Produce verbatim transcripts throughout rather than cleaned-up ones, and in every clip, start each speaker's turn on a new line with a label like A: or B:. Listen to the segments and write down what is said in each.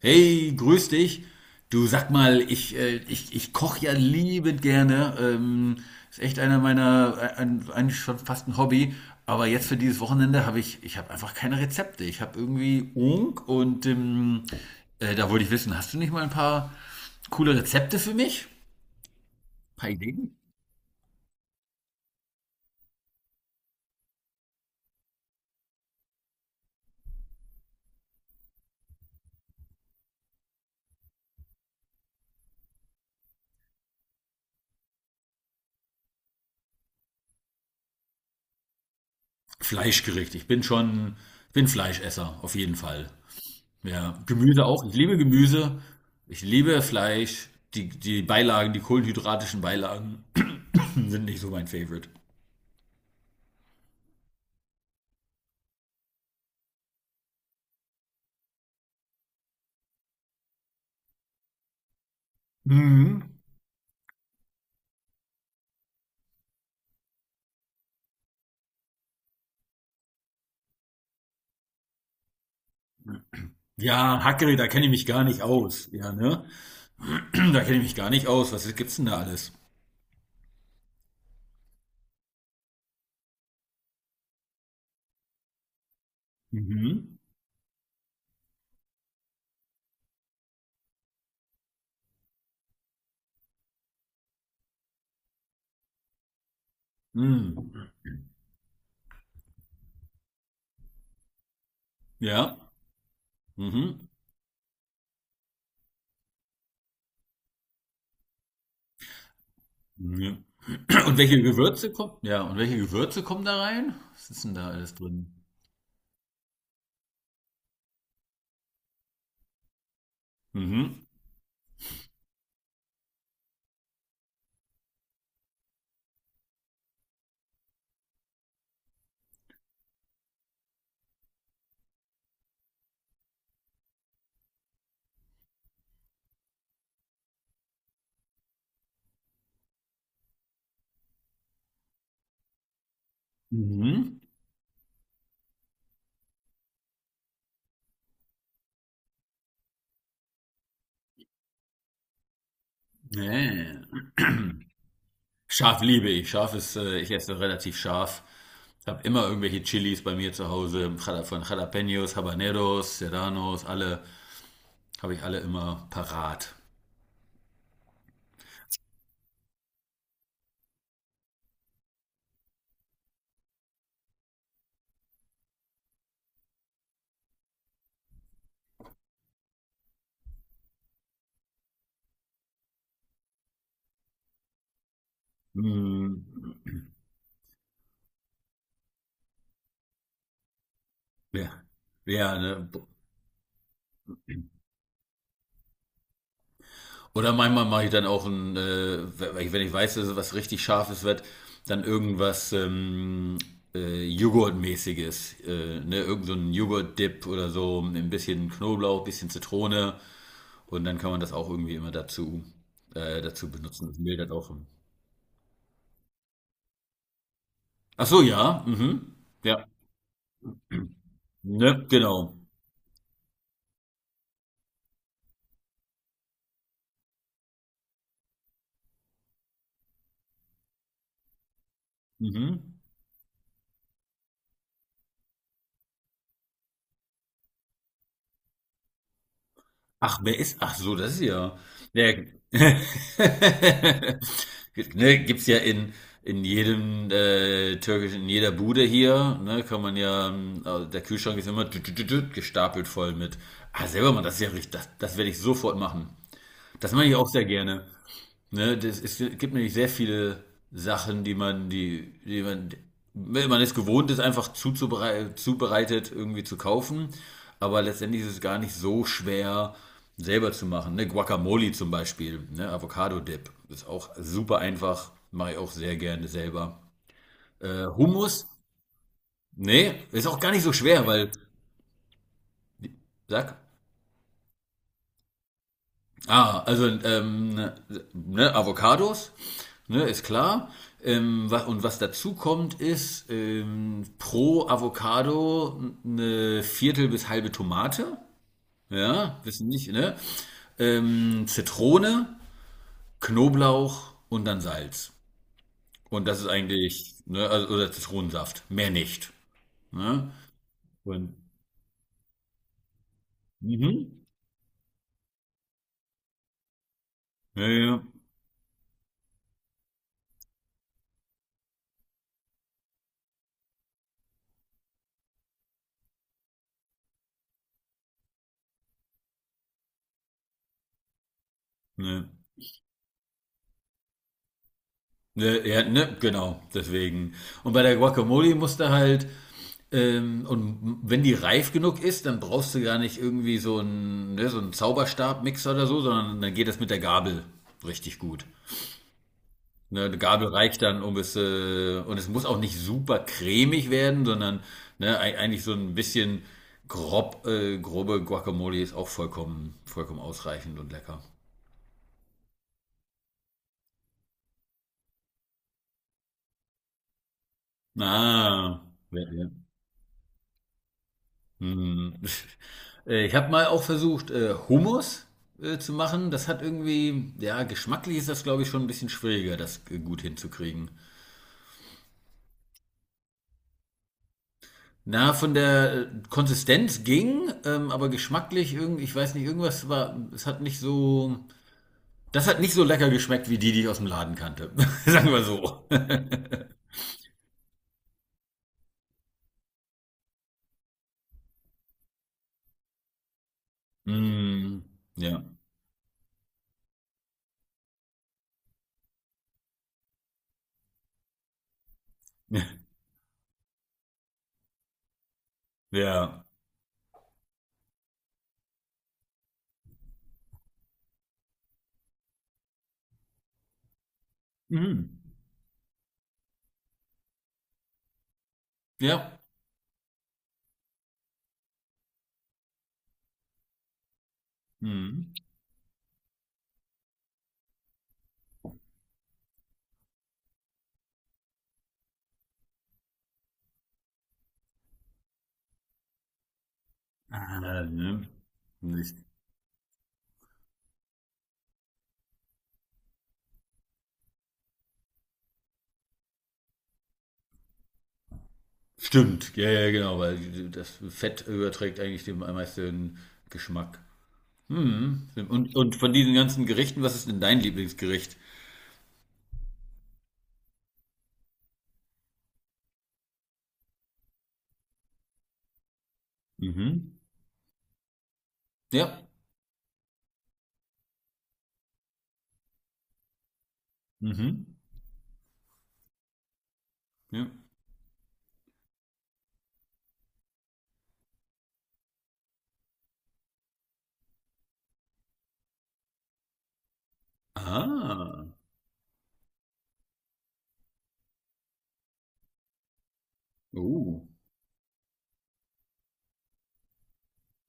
A: Hey, grüß dich. Du sag mal, ich, äh, ich, ich koche ja liebend gerne. Ähm, ist echt einer meiner, ein, ein- eigentlich schon fast ein Hobby. Aber jetzt für dieses Wochenende habe ich, ich habe einfach keine Rezepte. Ich habe irgendwie Unk und ähm, äh, da wollte ich wissen, hast du nicht mal ein paar coole Rezepte für mich? Ein paar Ideen? Fleischgericht. Ich bin schon, ich bin Fleischesser, auf jeden Fall. Ja, Gemüse auch. Ich liebe Gemüse. Ich liebe Fleisch. Die, die Beilagen, die kohlenhydratischen Beilagen sind nicht so mein Favorite. Mhm. Ja, Hackery, da kenne ich mich gar nicht aus. Ja, ne? Da kenne ich mich gar nicht aus. Was gibt's denn da alles? Mhm. Mhm. Ja. Mhm. Ja. Und welche Gewürze kommen? Ja, und welche Gewürze kommen da rein? Was ist denn da alles drin? Mhm. Mhm. Nee. Scharf liebe ich. Scharf ist, äh, ich esse relativ scharf. Ich habe immer irgendwelche Chilis bei mir zu Hause, Jala- von Jalapenos, Habaneros, Serranos, alle, habe ich alle immer parat. Mm, ja, ja ne? Oder manchmal mache ich dann auch ein, äh, wenn ich weiß, dass es was richtig Scharfes wird, dann irgendwas ähm, äh, Joghurtmäßiges. Äh, ne? Irgend so ein Joghurt-Dip oder so, ein bisschen Knoblauch, ein bisschen Zitrone. Und dann kann man das auch irgendwie immer dazu, äh, dazu benutzen. Das mildert auch. Ach so, ja. Mhm. Ja. Ne, genau. Mhm. Ach, wer ist? Ach so, das ist ja. Ne, ne, gibt's ja in in jedem äh, türkischen, in jeder Bude hier, ne, kann man ja, ähm, also der Kühlschrank ist immer tüt, tüt, tüt, tüt, gestapelt voll mit. Ah, selber mal, das ist ja richtig, das, das werde ich sofort machen. Das mache ich auch sehr gerne. Ne, das ist, es gibt nämlich sehr viele Sachen, die man, die, die man, wenn man es gewohnt ist, einfach zuzuberei- zubereitet irgendwie zu kaufen. Aber letztendlich ist es gar nicht so schwer, selber zu machen. Ne? Guacamole zum Beispiel, ne? Avocado-Dip. Ist auch super einfach. Mache ich auch sehr gerne selber. Äh, Hummus? Nee, ist auch gar nicht so schwer, weil, sag, ah, also ähm, ne, Avocados, ne, ist klar. Ähm, was, und was dazu kommt, ist ähm, pro Avocado eine Viertel bis halbe Tomate. Ja, wissen nicht, ne? Ähm, Zitrone, Knoblauch und dann Salz. Und das ist eigentlich, ne, also, oder Zitronensaft, mehr nicht. Ne? Und, mhm. Ja, ja, ja, ne. Ne, ja, ne, genau, deswegen. Und bei der Guacamole musst du halt, ähm, und wenn die reif genug ist, dann brauchst du gar nicht irgendwie so einen, ne, so einen Zauberstabmixer oder so, sondern dann geht das mit der Gabel richtig gut. Ne, eine Gabel reicht dann, um es, äh, und es muss auch nicht super cremig werden, sondern ne, ei- eigentlich so ein bisschen grob, äh, grobe Guacamole ist auch vollkommen, vollkommen ausreichend und lecker. Ah, ja, ja. Hm. Äh, Ich habe mal auch versucht, äh, Hummus äh, zu machen. Das hat irgendwie, ja, geschmacklich ist das, glaube ich, schon ein bisschen schwieriger, das äh, gut hinzukriegen. Na, von der äh, Konsistenz ging, ähm, aber geschmacklich irgendwie, ich weiß nicht, irgendwas war, es hat nicht so, das hat nicht so lecker geschmeckt wie die, die ich aus dem Laden kannte. Sagen wir so. Hm, ja. Ja. Mhm. Ja. Mhm. Ah, ne. Stimmt, ja, ja, genau, weil das Fett überträgt eigentlich dem am meisten Geschmack. Mhm. Und, und von diesen ganzen Gerichten, was ist denn dein Lieblingsgericht? Mhm. Ja. Mhm. Ja. Ah. Oh.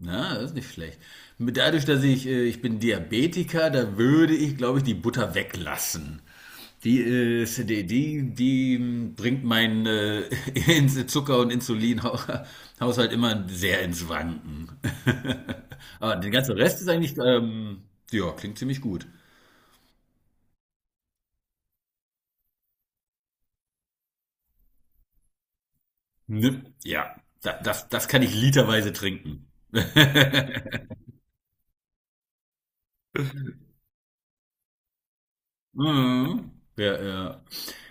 A: Na, das ist nicht schlecht. Dadurch, dass ich, äh, ich bin Diabetiker, da würde ich, glaube ich, die Butter weglassen. Die, äh, ist- die, die, die mm, bringt meinen äh, Ins- Zucker- und Insulinhaushalt immer sehr ins Wanken. Aber der ganze Rest ist eigentlich, ähm, ja, klingt ziemlich gut. Ne? Ja, da, das, das kann ich literweise trinken. Mhm. Ja, ja.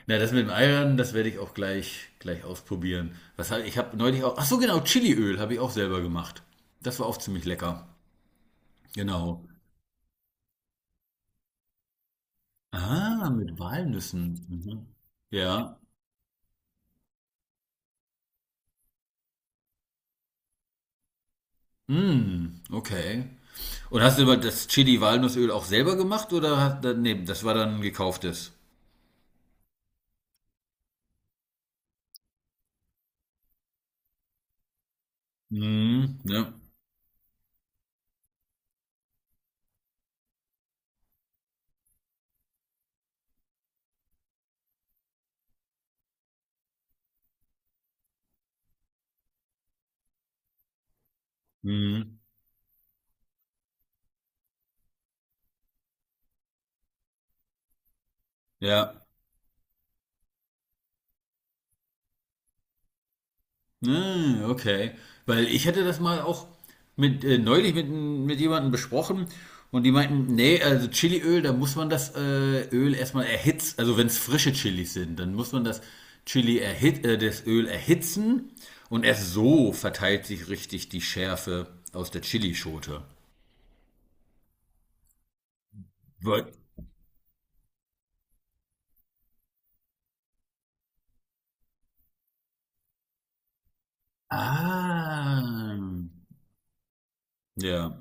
A: Na, das mit dem Eiern, das werde ich auch gleich, gleich ausprobieren. Was hab, ich habe neulich auch, ach so genau, Chiliöl habe ich auch selber gemacht. Das war auch ziemlich lecker. Genau. Ah, mit Walnüssen. Mhm. Ja. Mm, okay. Und hast du aber das Chili-Walnussöl auch selber gemacht oder hast, nee, das war dann gekauftes? Mhm, ne? Mhm. Ja. Ah, okay. Weil ich hätte das mal auch mit, äh, neulich mit, mit jemandem besprochen und die meinten, nee, also Chiliöl, da muss man das äh, Öl erstmal erhitzen. Also wenn es frische Chilis sind, dann muss man das Chili erhit äh, das Öl erhitzen und erst so verteilt sich richtig die Schärfe aus der Chilischote. Weil- Ah, ja,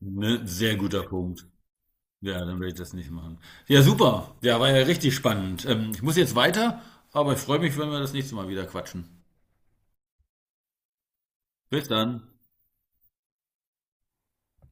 A: ne, sehr guter Punkt. Ja, dann will ich das nicht machen. Ja, super. Ja, war ja richtig spannend. Ähm, ich muss jetzt weiter, aber ich freue mich, wenn wir das nächste Mal wieder quatschen. Bis dann.